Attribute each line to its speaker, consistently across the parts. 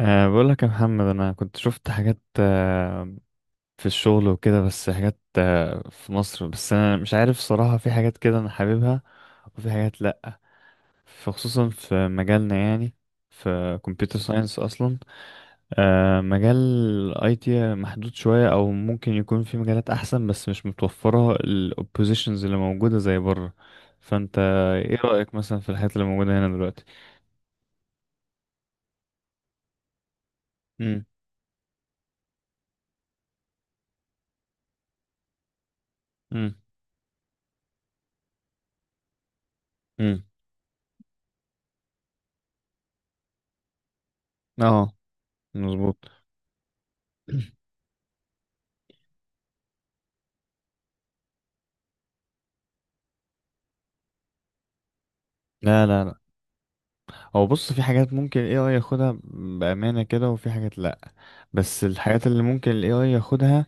Speaker 1: بقول لك يا محمد، انا كنت شفت حاجات في الشغل وكده، بس حاجات في مصر. بس انا مش عارف صراحة، في حاجات كده انا حاببها وفي حاجات لا. فخصوصا في مجالنا يعني، في كمبيوتر ساينس اصلا. مجال الاي تي محدود شوية، او ممكن يكون في مجالات احسن بس مش متوفرة الاوبوزيشنز اللي موجودة زي بره. فانت ايه رأيك مثلا في الحاجات اللي موجودة هنا دلوقتي؟ امم. امم. امم. اه، مظبوط. لا، لا، لا. هو بص، في حاجات ممكن ال AI ياخدها بأمانة كده، وفي حاجات لأ. بس الحاجات اللي ممكن ال AI ياخدها،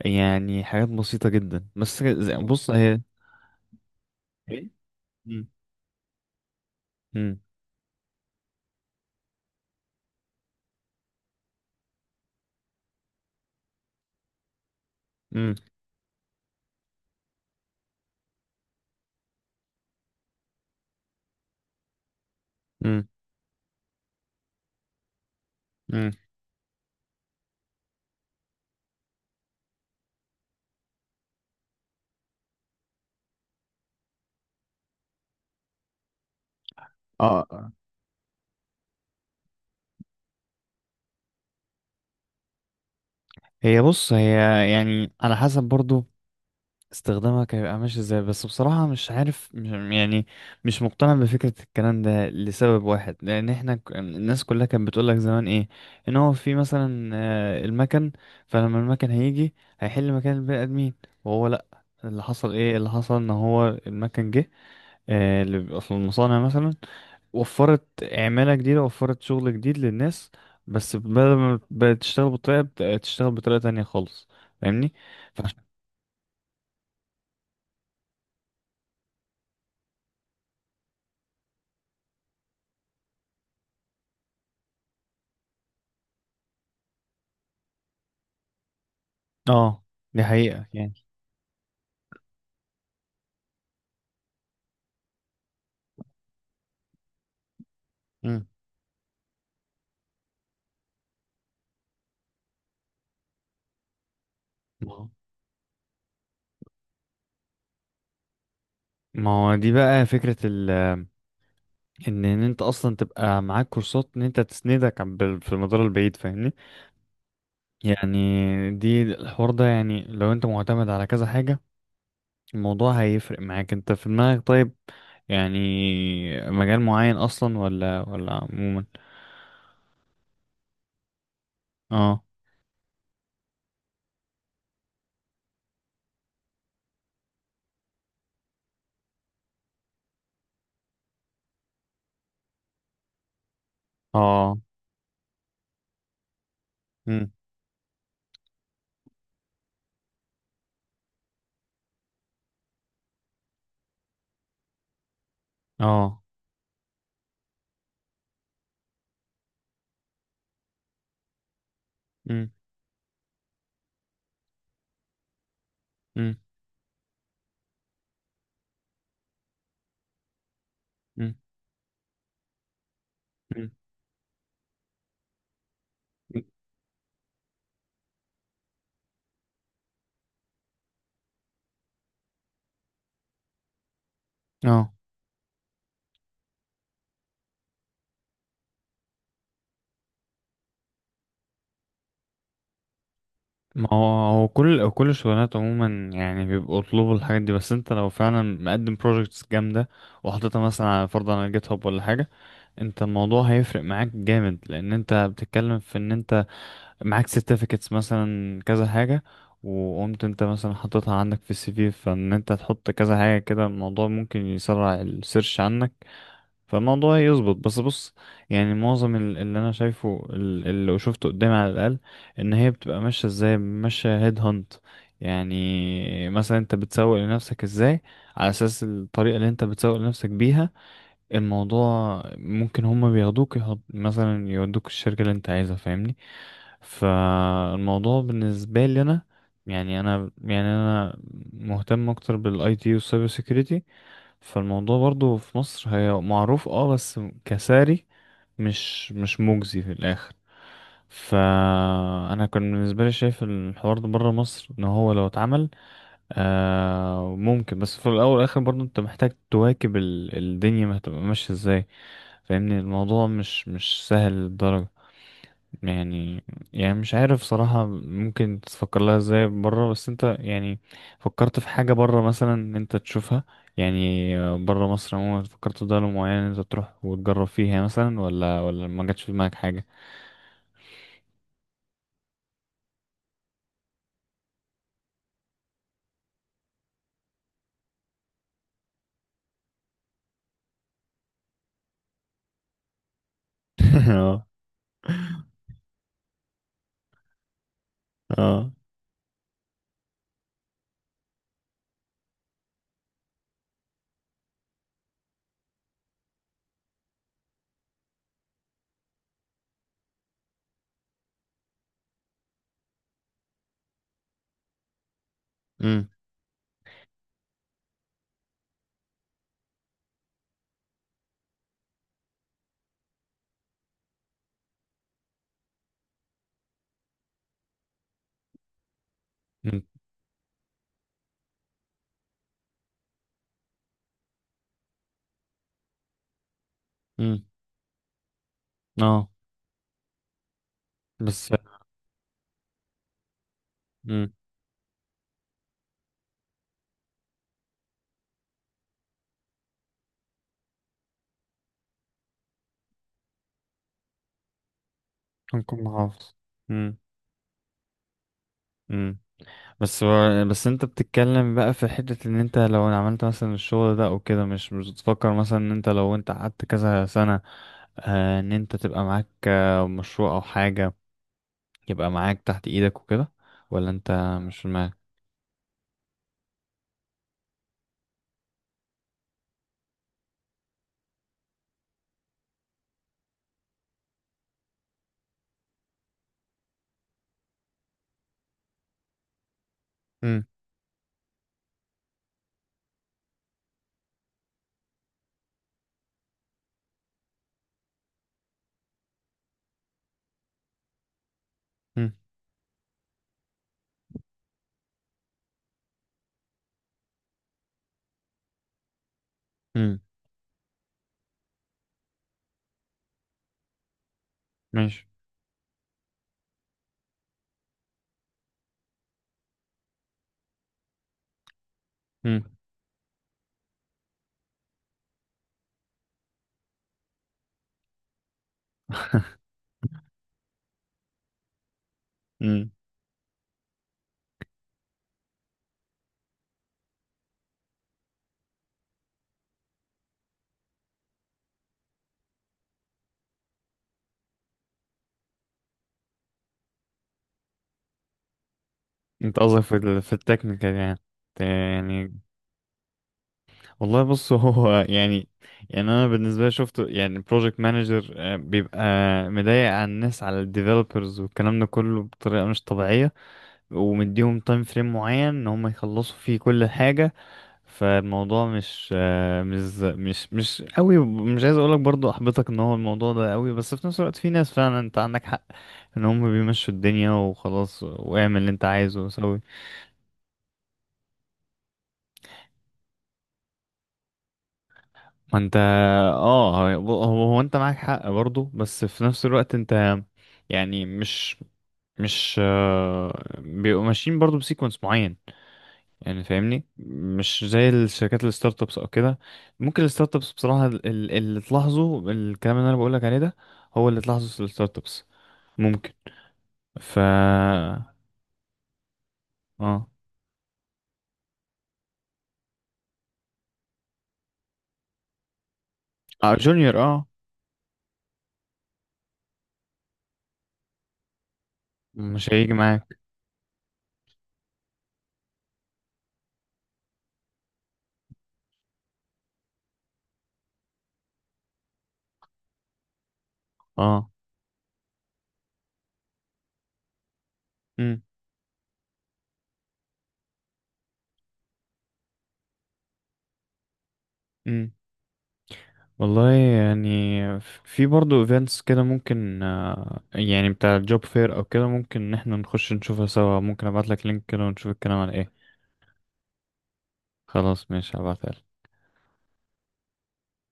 Speaker 1: يعني حاجات بسيطة جدا. بس بص هي ايه. مم. مم. مم. مم. مم. اه. آه. هي بص، هي يعني على حسب برضو استخدامك هيبقى ماشي ازاي. بس بصراحة مش عارف يعني، مش مقتنع بفكرة الكلام ده لسبب واحد. لأن احنا الناس كلها كانت بتقولك زمان، ايه، ان هو في مثلا المكن. فلما المكن هيجي هيحل مكان البني آدمين. وهو لأ، اللي حصل ايه؟ اللي حصل ان هو المكن جه، اللي بيبقى في المصانع مثلا، وفرت عمالة جديدة، وفرت شغل جديد للناس. بس بدل ما بقت تشتغل بطريقة، بقت تشتغل بطريقة تانية خالص. فاهمني؟ فعش- اه، دي حقيقة يعني. مم. ما هو ما هو دي بقى فكرة ال، إن أنت أصلا تبقى معاك كورسات. إن أنت تسندك في المدار البعيد، فاهمني؟ يعني دي، الحوار ده يعني لو أنت معتمد على كذا حاجة، الموضوع هيفرق معاك. أنت في دماغك طيب يعني مجال معين أصلا، ولا عموما؟ اه. اه. مم. اه. مم. مم. مم. مم. اه. ما هو، هو كل الشغلانات عموما يعني بيبقوا طلوب الحاجات دي. بس انت لو فعلا مقدم بروجكتس جامدة وحطيتها مثلا على فرض على جيت هاب ولا حاجة، انت الموضوع هيفرق معاك جامد. لان انت بتتكلم في ان انت معاك سيرتيفيكتس مثلا، كذا حاجة. وقمت انت مثلا حطيتها عندك في السي في، فان انت تحط كذا حاجة كده، الموضوع ممكن يسرع السيرش عنك. فالموضوع يظبط. بس بص، يعني معظم اللي انا شايفه، اللي شفته قدامي على الاقل، ان هي بتبقى ماشيه ازاي، ماشيه هيد هانت. يعني مثلا انت بتسوق لنفسك ازاي. على اساس الطريقه اللي انت بتسوق لنفسك بيها، الموضوع ممكن هما بياخدوك، يحط مثلا، يودوك الشركة اللي انت عايزها، فاهمني. فالموضوع بالنسبة لي انا، يعني انا، يعني مهتم اكتر بالاي تي والسايبر سيكيورتي. فالموضوع برضو في مصر هي معروف، اه، بس كساري، مش مجزي في الاخر. فانا كان بالنسبة لي شايف الحوار ده بره مصر، ان هو لو اتعمل ممكن. بس في الاول والاخر برضو انت محتاج تواكب الدنيا ما هتبقى ماشيه ازاي. فاهمني الموضوع مش سهل للدرجه يعني يعني مش عارف صراحه ممكن تفكر لها ازاي بره. بس انت يعني، فكرت في حاجه بره مثلا ان انت تشوفها؟ يعني بره مصر عموما، فكرت في دوله معينه انت تروح وتجرب فيها مثلا، ولا ما جاتش في دماغك حاجه؟ اه. اه. امم. امم. اه. بس امم هنكون محافظ. أمم. امم. بس انت بتتكلم بقى في حتة، ان انت لو عملت مثلا الشغل ده او كده، مش بتفكر مثلا ان انت لو انت قعدت كذا سنة، ان انت تبقى معاك مشروع او حاجة يبقى معاك تحت ايدك وكده؟ ولا انت مش في دماغك؟ امم. امم. امم. ماشي. امم. امم. انت قصدك في في التكنيكال يعني، يعني؟ والله بص، هو يعني انا بالنسبه لي شفت يعني بروجكت مانجر بيبقى مضايق على الناس، على الديفلوبرز، والكلام ده كله بطريقه مش طبيعيه. ومديهم تايم فريم معين ان هم يخلصوا فيه كل حاجه. فالموضوع مش مش قوي. مش عايز اقولك برضو احبطك ان هو الموضوع ده قوي، بس في نفس الوقت في ناس فعلا انت عندك حق، ان هم بيمشوا الدنيا وخلاص، واعمل اللي انت عايزه وسوي. ما انت، اه، هو انت معاك حق برضه. بس في نفس الوقت انت يعني، مش بيبقوا ماشيين برضه بسيكونس معين يعني، فاهمني. مش زي الشركات الستارت ابس او كده. ممكن الستارت ابس بصراحة، اللي تلاحظه، الكلام اللي انا بقولك عليه ده، هو اللي تلاحظه في الستارت ابس ممكن. ف اه. اه، جونيور، اه، مش هيجي معاك. اه. امم. والله يعني في برضه ايفنتس كده ممكن، يعني بتاع الجوب فير او كده، ممكن ان احنا نخش نشوفها سوا. ممكن ابعت لك لينك كده ونشوف الكلام على ايه. خلاص ماشي، هبعتها لك.